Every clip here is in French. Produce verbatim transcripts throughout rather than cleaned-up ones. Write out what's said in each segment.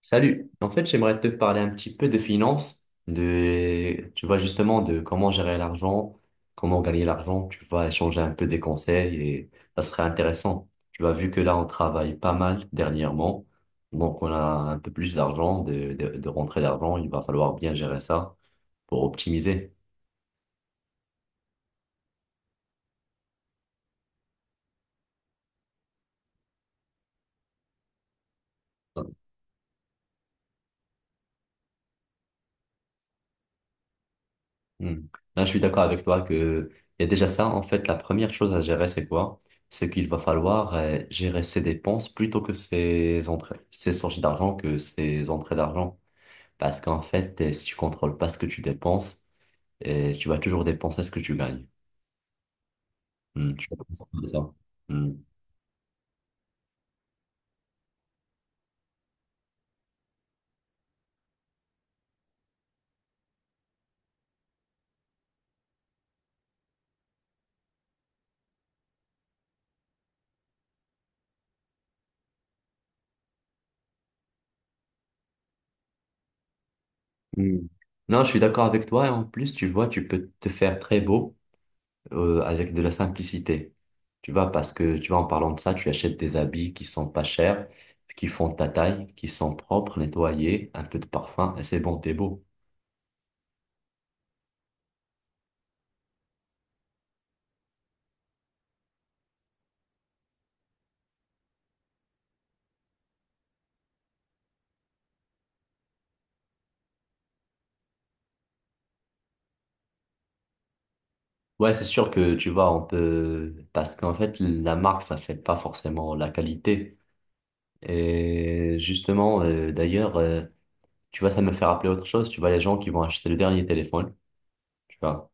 Salut. En fait, j'aimerais te parler un petit peu de finances, de, tu vois, justement, de comment gérer l'argent, comment gagner l'argent, tu vois, échanger un peu des conseils et ça serait intéressant. Tu vois, vu que là, on travaille pas mal dernièrement, donc on a un peu plus d'argent, de, de, de rentrée d'argent, il va falloir bien gérer ça pour optimiser. Hmm. Là, je suis d'accord avec toi que il y a déjà ça. En fait, la première chose à gérer, c'est quoi? C'est qu'il va falloir euh, gérer ses dépenses plutôt que ses entrées, ses sorties d'argent que ses entrées d'argent. Parce qu'en fait, euh, si tu contrôles pas ce que tu dépenses, euh, tu vas toujours dépenser ce que tu gagnes. Hmm, tu vas penser comme ça. Hmm. Hmm. Non, je suis d'accord avec toi. Et en plus, tu vois, tu peux te faire très beau, euh, avec de la simplicité. Tu vois, parce que tu vois, en parlant de ça, tu achètes des habits qui sont pas chers, qui font ta taille, qui sont propres, nettoyés, un peu de parfum, et c'est bon, t'es beau. Ouais, c'est sûr que tu vois, on peut, parce qu'en fait, la marque, ça fait pas forcément la qualité. Et justement, euh, d'ailleurs, euh, tu vois, ça me fait rappeler autre chose. Tu vois, les gens qui vont acheter le dernier téléphone, tu vois,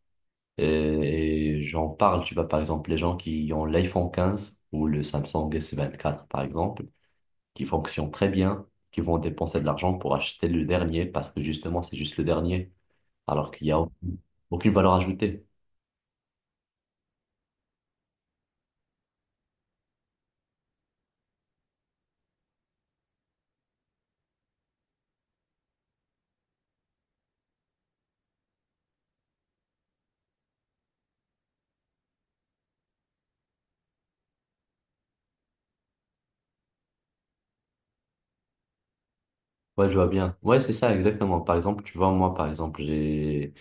et, et j'en parle, tu vois, par exemple, les gens qui ont l'iPhone quinze ou le Samsung s vingt-quatre par exemple, qui fonctionnent très bien, qui vont dépenser de l'argent pour acheter le dernier parce que justement, c'est juste le dernier, alors qu'il n'y a aucune, aucune valeur ajoutée. Ouais, je vois bien. Ouais, c'est ça, exactement. Par exemple, tu vois, moi, par exemple, j'ai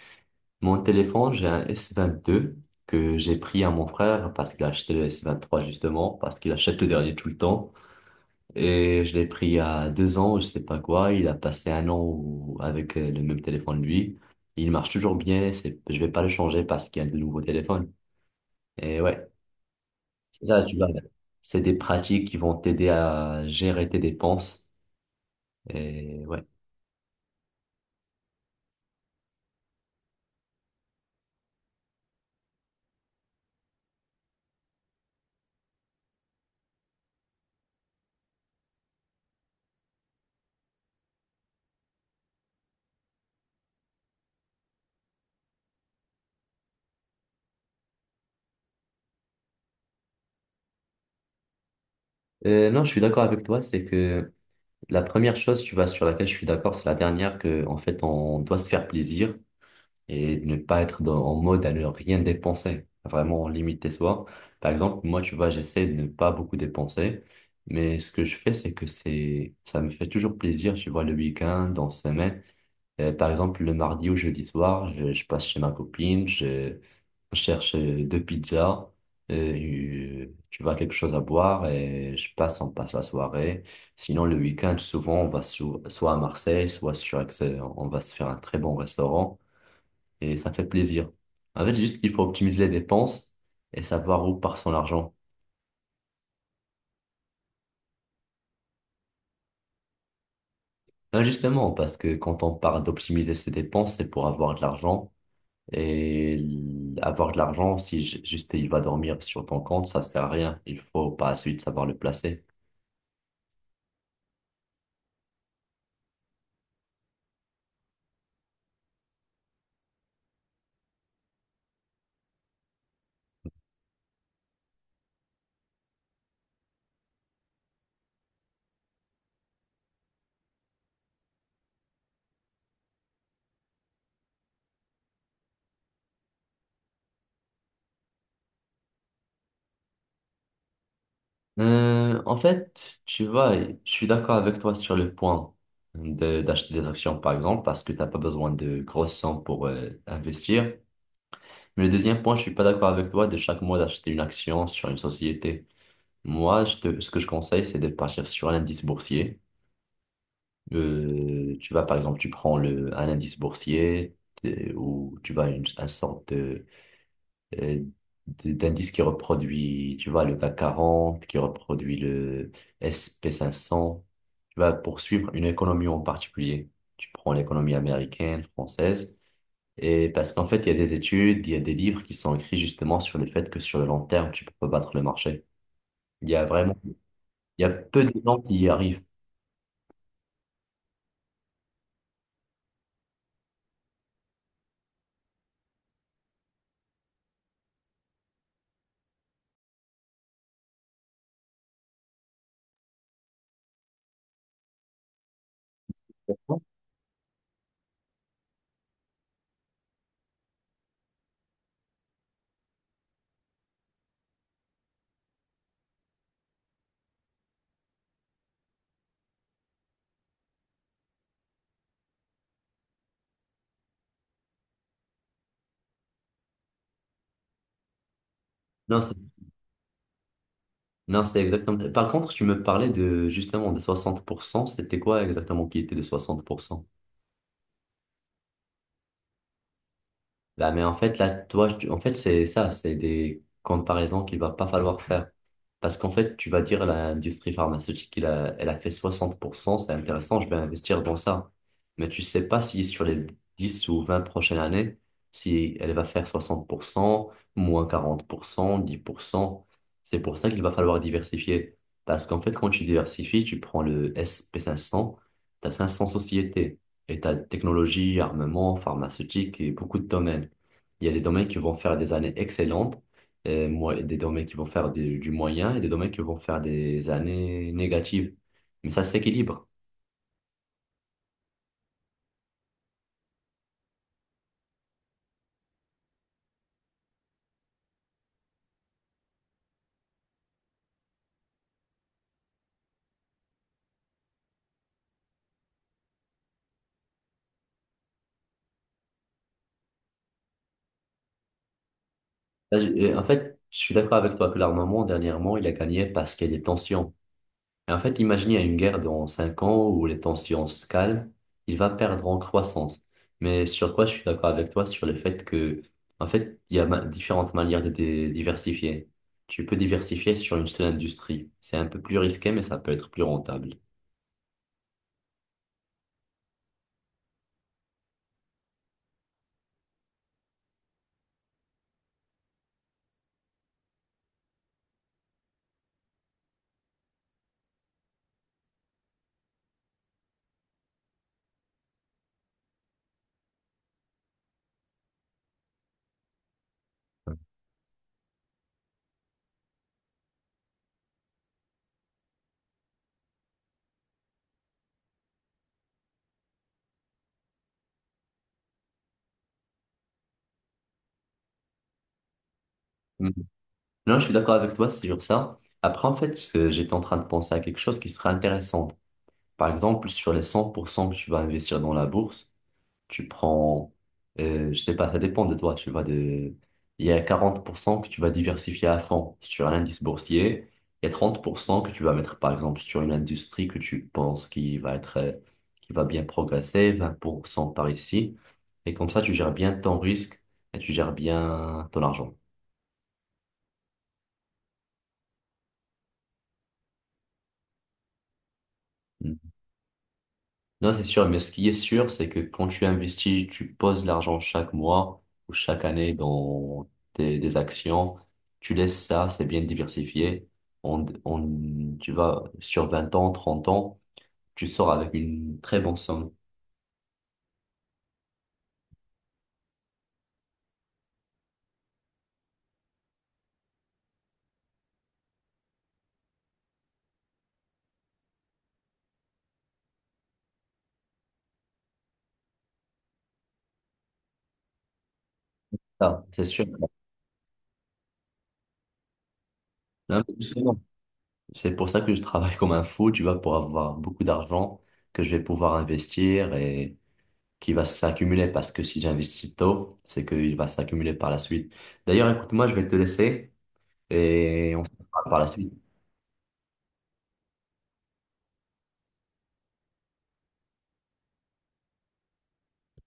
mon téléphone, j'ai un s vingt deux que j'ai pris à mon frère parce qu'il a acheté le s vingt trois justement, parce qu'il achète le dernier tout le temps. Et je l'ai pris il y a deux ans, je sais pas quoi. Il a passé un an au- avec euh, le même téléphone lui. Il marche toujours bien. C'est, je vais pas le changer parce qu'il y a de nouveaux téléphones. Et ouais, c'est ça, tu vois. C'est des pratiques qui vont t'aider à gérer tes dépenses. Et ouais. Euh, non, je suis d'accord avec toi. C'est que la première chose, tu vois, sur laquelle je suis d'accord, c'est la dernière que, en fait, on doit se faire plaisir, et de ne pas être dans- en mode à ne rien dépenser, à vraiment limiter soi. Par exemple, moi, tu vois, j'essaie de ne pas beaucoup dépenser, mais ce que je fais, c'est que c'est, ça me fait toujours plaisir, tu vois, le week-end, en semaine. Euh, par exemple, le mardi ou jeudi soir, je, je passe chez ma copine, je cherche euh, deux pizzas, euh, euh, tu vois, quelque chose à boire et je passe, on passe la soirée. Sinon, le week-end, souvent, on va sou- soit à Marseille, soit sur Aix, euh, on va se faire un très bon restaurant et ça fait plaisir. En fait, juste il faut optimiser les dépenses et savoir où part son argent. Là, justement, parce que quand on parle d'optimiser ses dépenses, c'est pour avoir de l'argent. Et l- avoir de l'argent, si j- juste il va dormir sur ton compte, ça sert à rien. Il faut par la suite savoir le placer. Euh, en fait, tu vois, je suis d'accord avec toi sur le point de- d'acheter des actions, par exemple, parce que t'as pas besoin de grosses sommes pour euh, investir. Mais le deuxième point, je suis pas d'accord avec toi de chaque mois d'acheter une action sur une société. Moi, je te- ce que je conseille, c'est de partir sur un indice boursier. Euh, tu vas, par exemple, tu prends le, un indice boursier t'es- ou tu vas une, un sorte de, euh, de- d'indice qui reproduit, tu vois, le CAC quarante qui reproduit le S and P cinq cents. Tu vas poursuivre une économie en particulier. Tu prends l'économie américaine, française. Et parce qu'en fait, il y a des études, il y a des livres qui sont écrits justement sur le fait que sur le long terme, tu peux pas battre le marché. Il y a vraiment, il y a peu de gens qui y arrivent. Non, c'est non, c'est exactement. Par contre, tu me parlais de justement des soixante pour cent. C'était quoi exactement qui était des soixante pour cent? Là, mais en fait, là, toi, tu- en fait, c'est ça, c'est des comparaisons qu'il va pas falloir faire. Parce qu'en fait, tu vas dire l'industrie pharmaceutique, il a, elle a fait soixante pour cent, c'est intéressant, je vais investir dans ça. Mais tu sais pas si sur les dix ou vingt prochaines années, si elle va faire soixante pour cent, moins quarante pour cent, dix pour cent. C'est pour ça qu'il va falloir diversifier. Parce qu'en fait, quand tu diversifies, tu prends le S and P cinq cents, tu as cinq cents sociétés. Et tu as technologie, armement, pharmaceutique et beaucoup de domaines. Il y a des domaines qui vont faire des années excellentes, et moi- des domaines qui vont faire des- du moyen et des domaines qui vont faire des années négatives. Mais ça s'équilibre. Là, j'ai- et en fait, je suis d'accord avec toi que l'armement, dernièrement, il a gagné parce qu'il y a des tensions. Et en fait, imaginez une guerre dans cinq ans où les tensions se calment, il va perdre en croissance. Mais sur quoi je suis d'accord avec toi, sur le fait que, en fait, il y a ma- différentes manières de dé- diversifier. Tu peux diversifier sur une seule industrie. C'est un peu plus risqué, mais ça peut être plus rentable. Mhm. Non, je suis d'accord avec toi sur ça. Après, en fait, ce- j'étais en train de penser à quelque chose qui serait intéressant. Par exemple, sur les cent pour cent que tu vas investir dans la bourse, tu prends, euh, je sais pas, ça dépend de toi, tu vas de, il y a quarante pour cent que tu vas diversifier à fond sur un indice boursier, il y a trente pour cent que tu vas mettre par exemple sur une industrie que tu penses qui va être, euh, qui va bien progresser, vingt pour cent par ici, et comme ça tu gères bien ton risque et tu gères bien ton argent. Hmm. Non, c'est sûr, mais ce qui est sûr, c'est que quand tu investis, tu poses l'argent chaque mois ou chaque année dans des, des actions, tu laisses ça, c'est bien diversifié. On, on, tu vas sur vingt ans, trente ans, tu sors avec une très bonne somme. Ah, c'est sûr. Non, mais justement, c'est pour ça que je travaille comme un fou, tu vois, pour avoir beaucoup d'argent que je vais pouvoir investir et qui va s'accumuler parce que si j'investis tôt, c'est qu'il va s'accumuler par la suite. D'ailleurs, écoute-moi, je vais te laisser. Et on se parle par la suite.